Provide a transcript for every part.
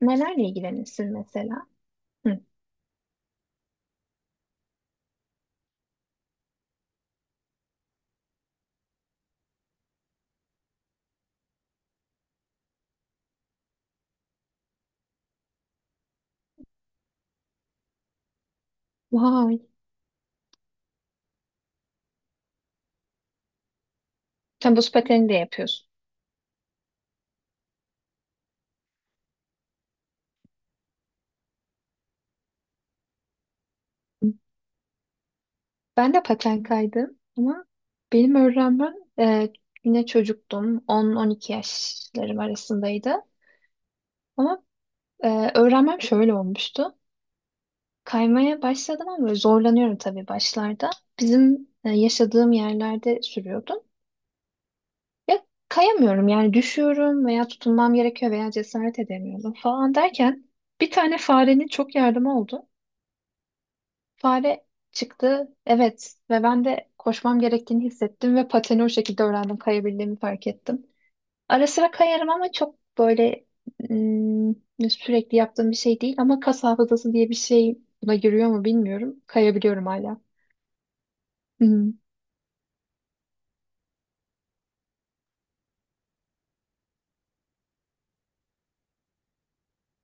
Nelerle ilgilenirsin mesela? Hı. Vay. Sen buz pateni de yapıyorsun. Ben de paten kaydım ama benim öğrenmem yine çocuktum. 10-12 yaşlarım arasındaydı. Ama öğrenmem şöyle olmuştu. Kaymaya başladım ama böyle zorlanıyorum tabii başlarda. Bizim yaşadığım yerlerde sürüyordum. Ya kayamıyorum yani düşüyorum veya tutunmam gerekiyor veya cesaret edemiyorum falan derken bir tane farenin çok yardımı oldu. Fare çıktı evet ve ben de koşmam gerektiğini hissettim ve pateni o şekilde öğrendim kayabildiğimi fark ettim. Ara sıra kayarım ama çok böyle ım, sürekli yaptığım bir şey değil ama kas hafızası diye bir şey buna giriyor mu bilmiyorum. Kayabiliyorum hala. Hı hı.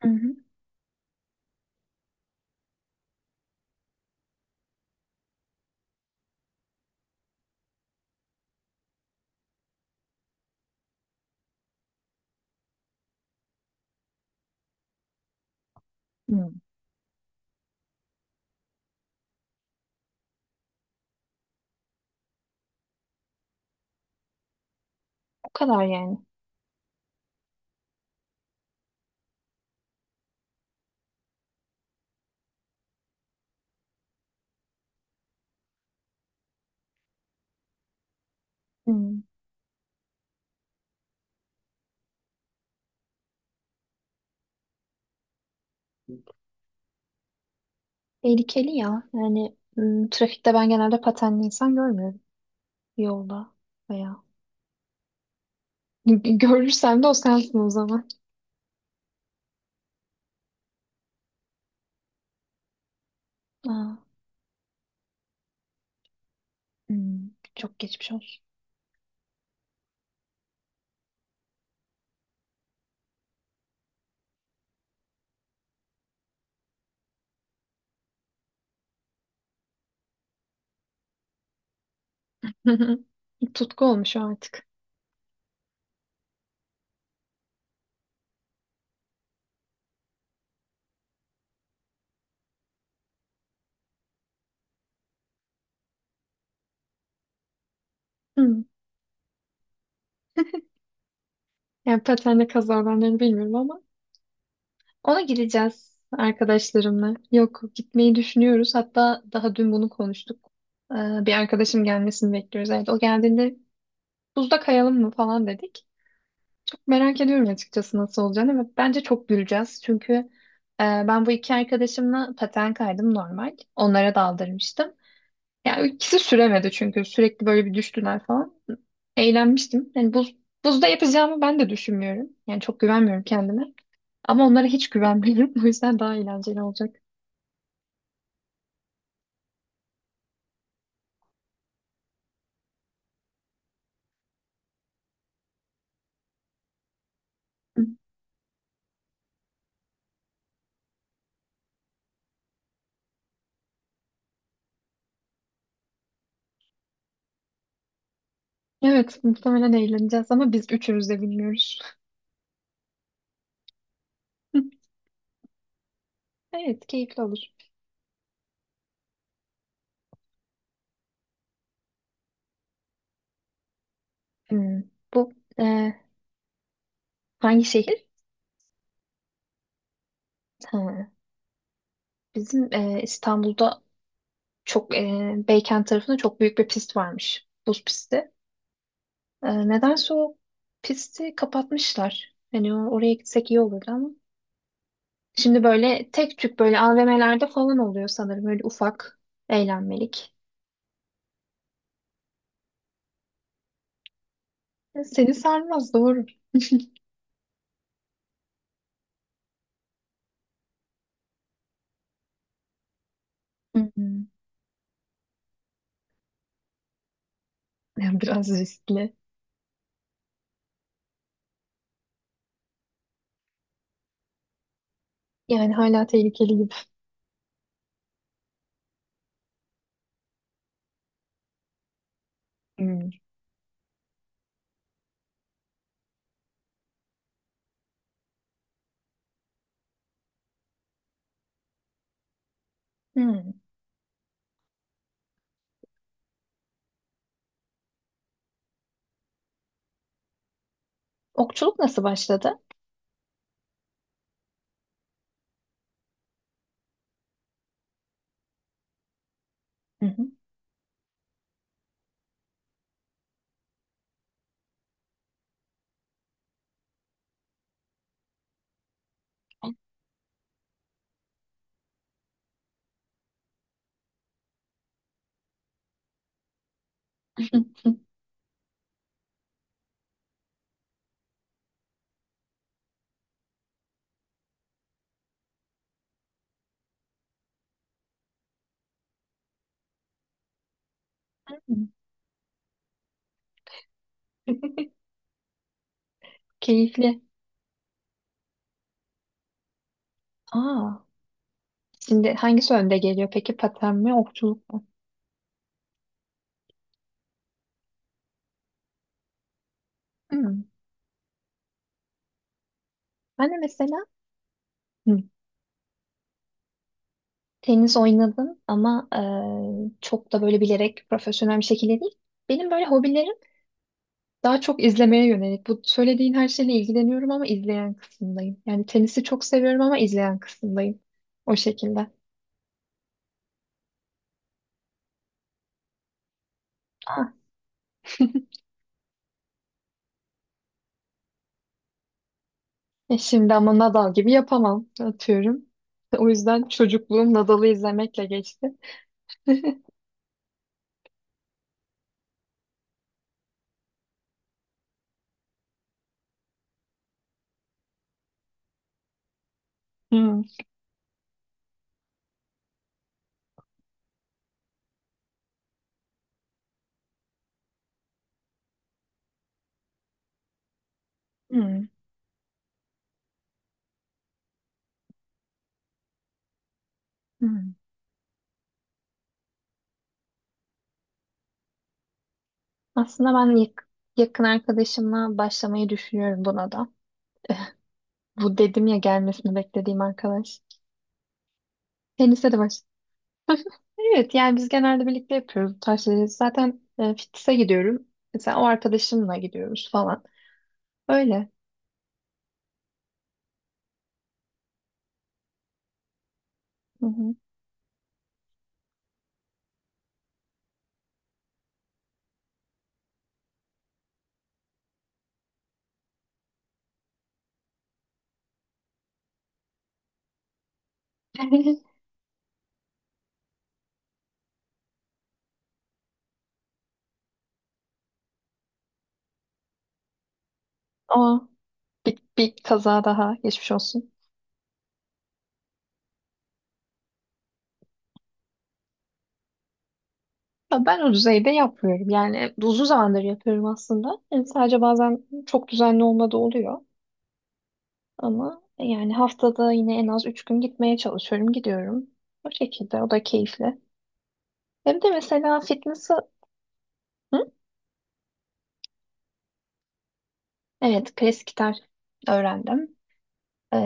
Hı hı. Hı. O kadar yani. Hı. Tehlikeli ya. Yani trafikte ben genelde patenli insan görmüyorum yolda veya görürsem de o sensin o zaman. Aa, Hı. Çok geçmiş olsun. Tutku olmuş o artık. Hı. Yani patenle kazalarını bilmiyorum ama ona gideceğiz arkadaşlarımla. Yok gitmeyi düşünüyoruz. Hatta daha dün bunu konuştuk. Ee, Bir arkadaşım gelmesini bekliyoruz. Evet, o geldiğinde buzda kayalım mı falan dedik. Merak ediyorum açıkçası nasıl olacağını ve bence çok güleceğiz. Çünkü ben bu iki arkadaşımla paten kaydım normal. Onlara daldırmıştım. Yani ikisi süremedi çünkü sürekli böyle bir düştüler falan. Eğlenmiştim. Yani buzda yapacağımı ben de düşünmüyorum. Yani çok güvenmiyorum kendime. Ama onlara hiç güvenmiyorum. O yüzden daha eğlenceli olacak. Hı. Evet, muhtemelen eğleneceğiz ama biz üçümüz de bilmiyoruz. Evet, keyifli olur. Hmm. Bu e, hangi şehir? Ha, bizim İstanbul'da çok Beykent tarafında çok büyük bir pist varmış. Buz pisti. Nedense o pisti kapatmışlar. Hani oraya gitsek iyi olurdu ama. Şimdi böyle tek tük böyle AVM'lerde falan oluyor sanırım. Böyle ufak eğlenmelik. Seni sarmaz doğru. Hı hı. Yani biraz riskli. Yani hala tehlikeli gibi. Hmm. Hmm. Okçuluk nasıl başladı? Hı hı. Keyifli. Aa, şimdi hangisi önde geliyor peki? Paten mi, okçuluk mu? Hmm. Ben de mesela hı, tenis oynadım ama çok da böyle bilerek profesyonel bir şekilde değil. Benim böyle hobilerim daha çok izlemeye yönelik. Bu söylediğin her şeyle ilgileniyorum ama izleyen kısımdayım. Yani tenisi çok seviyorum ama izleyen kısımdayım. O şekilde. Ah, şimdi ama Nadal gibi yapamam atıyorum. O yüzden çocukluğum Nadal'ı izlemekle geçti. Hı, hı, hı. Aslında ben yakın arkadaşımla başlamayı düşünüyorum buna da. Bu dedim ya gelmesini beklediğim arkadaş. Tenise de baş. Evet yani biz genelde birlikte yapıyoruz bu tarz şeyleri. Zaten fitness'e gidiyorum. Mesela o arkadaşımla gidiyoruz falan. Öyle. Hı hı. O bir kaza daha geçmiş olsun. Ya ben o düzeyde yapmıyorum. Yani uzun zamandır yapıyorum aslında. Yani sadece bazen çok düzenli olmadığı oluyor. Ama yani haftada yine en az 3 gün gitmeye çalışıyorum. Gidiyorum. O şekilde. O da keyifli. Hem de mesela fitness'ı... Hı? Evet, klasik gitar öğrendim. Ee,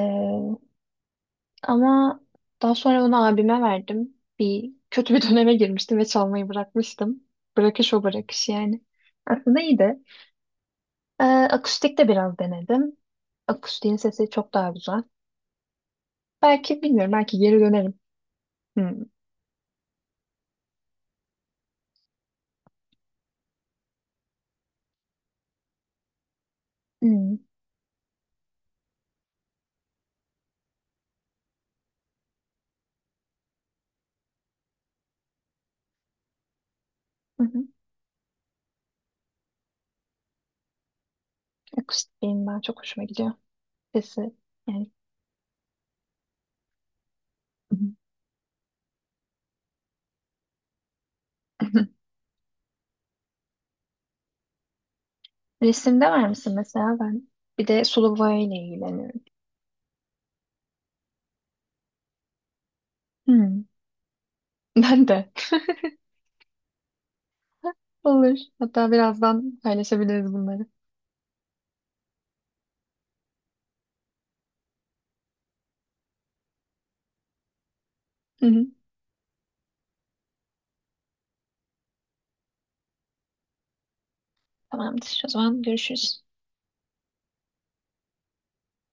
Ama daha sonra onu abime verdim. Bir kötü bir döneme girmiştim ve çalmayı bırakmıştım. Bırakış o bırakış yani. Aslında iyi de. Akustik de biraz denedim. Akustiğin sesi çok daha güzel. Belki bilmiyorum belki geri dönerim. Hmm. Hmm. Hı hı. Akustik benim daha çok hoşuma gidiyor. Sesi yani. Hı hı. Resimde var mısın mesela ben? Bir de sulu boyayla ilgileniyorum. Hmm. Ben de. Olur. Hatta birazdan paylaşabiliriz bunları. Hı hı. Tamamdır. O zaman görüşürüz.